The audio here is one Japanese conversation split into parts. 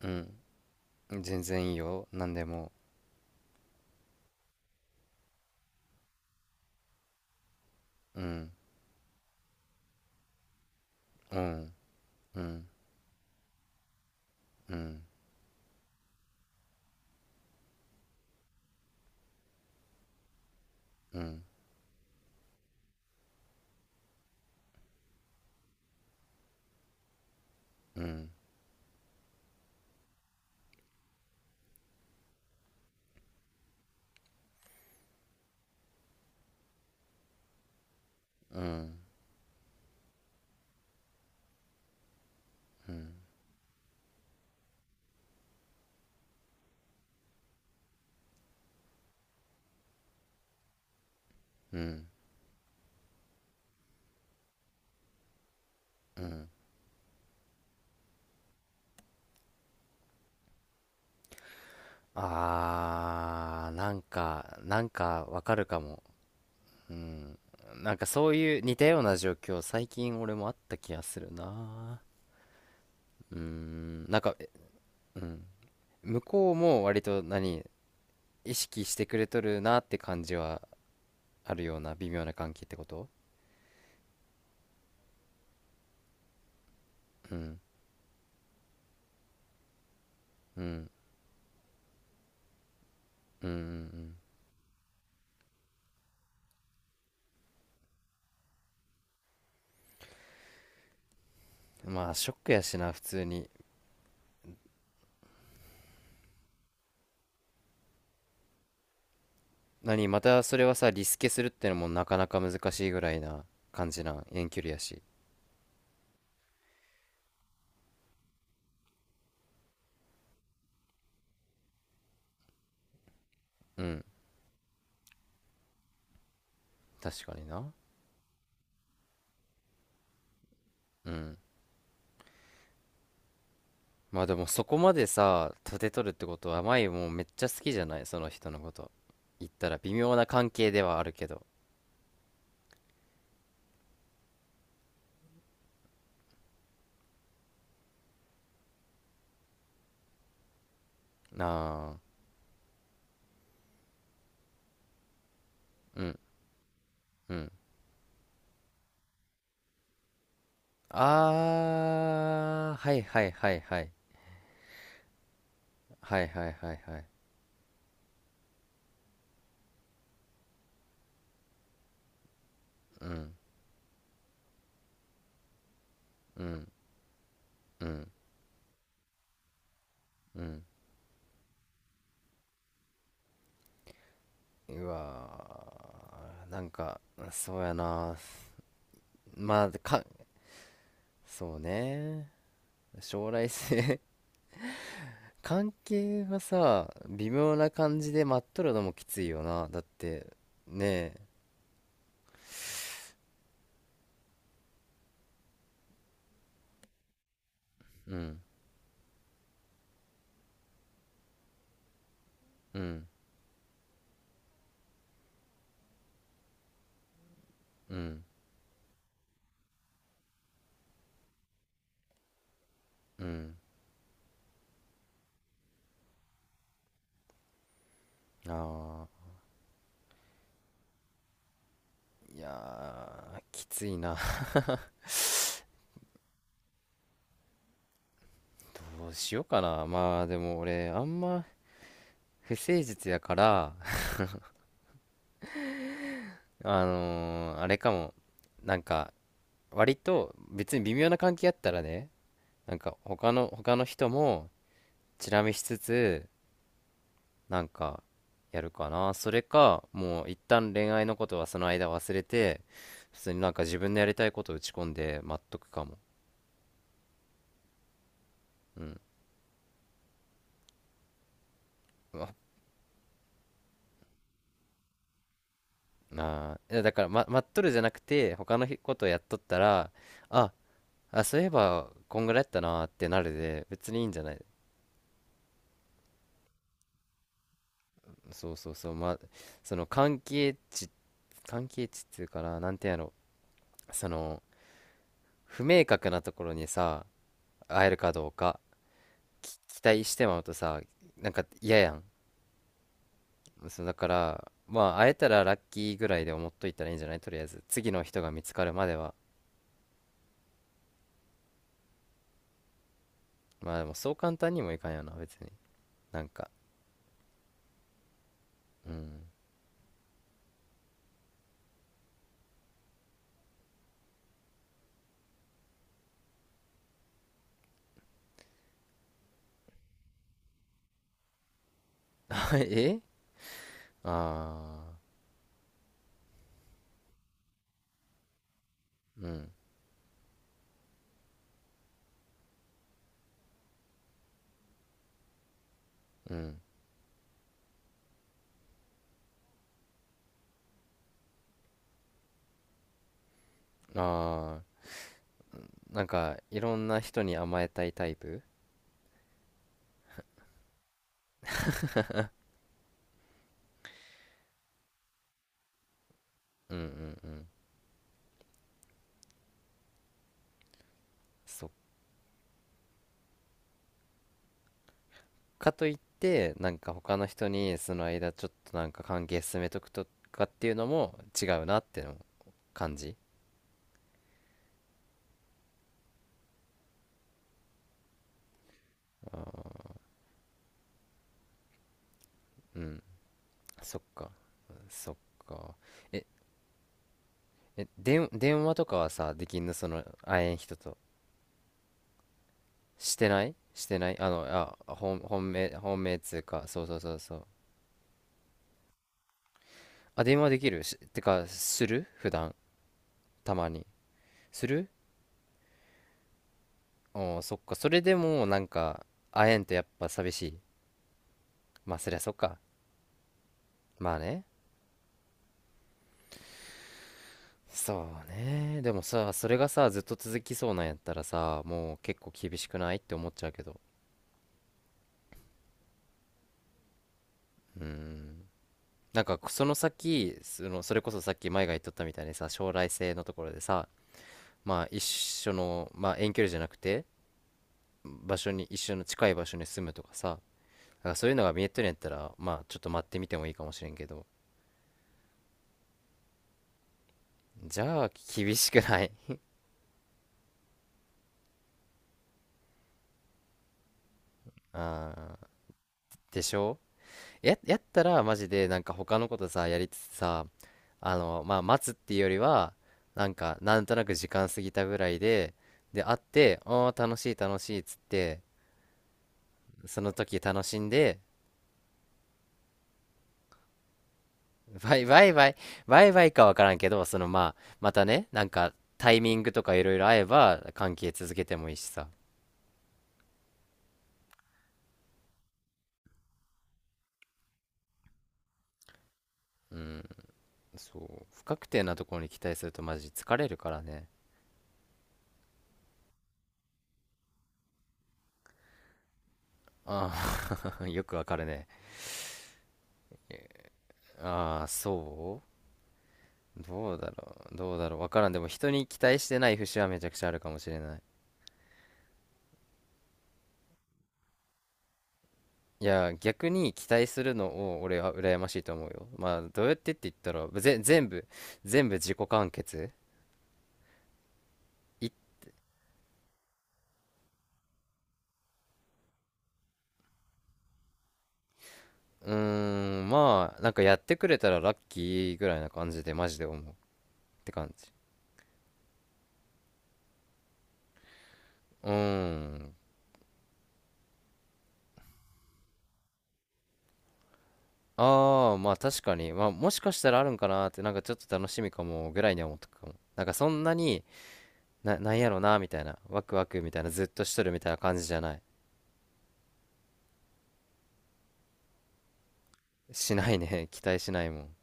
うん、全然いいよ、なんでも。うん、うん、うん、うん、うん、うん、うん、うん、うん。あー、なんかわかるかも。なんかそういう似たような状況、最近俺もあった気がするな。うーん、なんか、え、うん。向こうも割と意識してくれとるなって感じはあるような、微妙な関係ってこと？うん、うん、うん、うん。うん、まあ、ショックやしな、普通に。何、またそれはさ、リスケするってのもなかなか難しいぐらいな感じなん？遠距離やし。うん。確かにな。うん。まあでもそこまでさ、立てとるってことは、舞もうめっちゃ好きじゃない、その人のこと？言ったら微妙な関係ではあるけど。ああ、うん、うん。ああ、はいはいはいはい。はいはいはいはい。うん、うん、うん、うん。うわー、なんか、そうやな。まあ、そうね。将来性。 関係はさ、微妙な感じで待っとるのもきついよな、だって。ねえ。うん、うん、うん、うん。ああ、いやー、きついな。 どうしようかな。まあでも俺あんま不誠実やから。 あれかも。なんか割と別に微妙な関係やったらね、なんか他の人もチラ見しつつ、なんかやるかな。それか、もう一旦恋愛のことはその間忘れて、普通になんか自分のやりたいことを打ち込んで待っとくかも。うん。うわ、あー、いやだから、待っとるじゃなくて他のことをやっとったら、ああそういえばこんぐらいやったなーってなるで、別にいいんじゃない？そうそうそう、ま、その関係値っていうかな、なんてやろ、その不明確なところにさ、会えるかどうか期待してまうとさ、なんか嫌やん。そうだから、まあ会えたらラッキーぐらいで思っといたらいいんじゃない？とりあえず次の人が見つかるまでは。まあでもそう簡単にもいかんよな、別に。なんか。うん。 え、ああー、うん、うん。ああ、なんかいろんな人に甘えたいタイプ？うん、うん、うん。そっか。といってなんか他の人にその間ちょっとなんか関係進めとくとかっていうのも違うなっての感じ。あー、うん。そっか、そっか。ええ、電話とかはさ、できんの、その、会えん人と？してない、してない、本命、本命つうか、そうそうそうそう。あ、電話できる、してか、する普段、たまに。する。おー、そっか。それでも、なんか、会えんとやっぱ寂しい。まあ、そりゃそっか。まあね。そうね。でもさ、それがさ、ずっと続きそうなんやったらさ、もう結構厳しくないって思っちゃうけど。うーん。なんか、その先、それこそさっき前が言っとったみたいにさ、将来性のところでさ、まあ一緒の、まあ、遠距離じゃなくて場所に、一緒の近い場所に住むとかさ、だからそういうのが見えとるんやったら、まあちょっと待ってみてもいいかもしれんけど。じゃあ厳しくない？ あー、でしょ。やったらマジでなんか他のことさやりつつさ、あのまあ待つっていうよりは、なんかなんとなく時間過ぎたぐらいで、で会って「ああー、楽しい楽しい」っつって、その時楽しんで、ワイワイワイ、ワイワイかわからんけど、そのまあ、またね、なんかタイミングとかいろいろ合えば関係続けてもいいしさ。うん、そう。不確定なところに期待するとマジ疲れるからね。ああ。 よくわかるね。ああ、そう、どうだろう。どうだろう。わからん。でも人に期待してない節はめちゃくちゃあるかもしれない。いや、逆に期待するのを俺は羨ましいと思うよ。まあ、どうやってって言ったら、全部自己完結。うーん、まあ、なんかやってくれたらラッキーぐらいな感じで、マジで思うって感じ。うーん。ああ、まあ確かに、まあもしかしたらあるんかなって、なんかちょっと楽しみかもぐらいには思ったかも。なんかそんなに、なんやろな、みたいな、ワクワクみたいな、ずっとしとるみたいな感じじゃない。しないね。期待しないもん。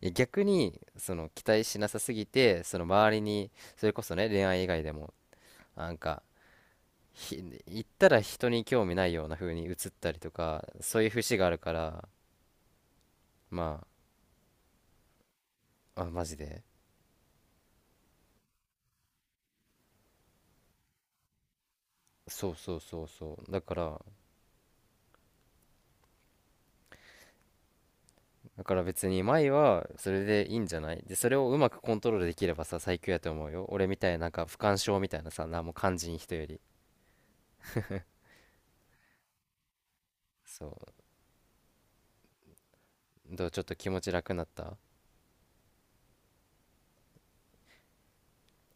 いや逆に、その期待しなさすぎて、その周りに、それこそね、恋愛以外でも、なんか、言ったら人に興味ないような風に映ったりとか、そういう節があるから。まあ、あマジで。そうそうそうそう、だから別に前はそれでいいんじゃない？で、それをうまくコントロールできればさ、最強やと思うよ。俺みたいな、なんか不干渉みたいなさ、何も肝心、人より。そう、どう、ちょっと気持ち楽になった？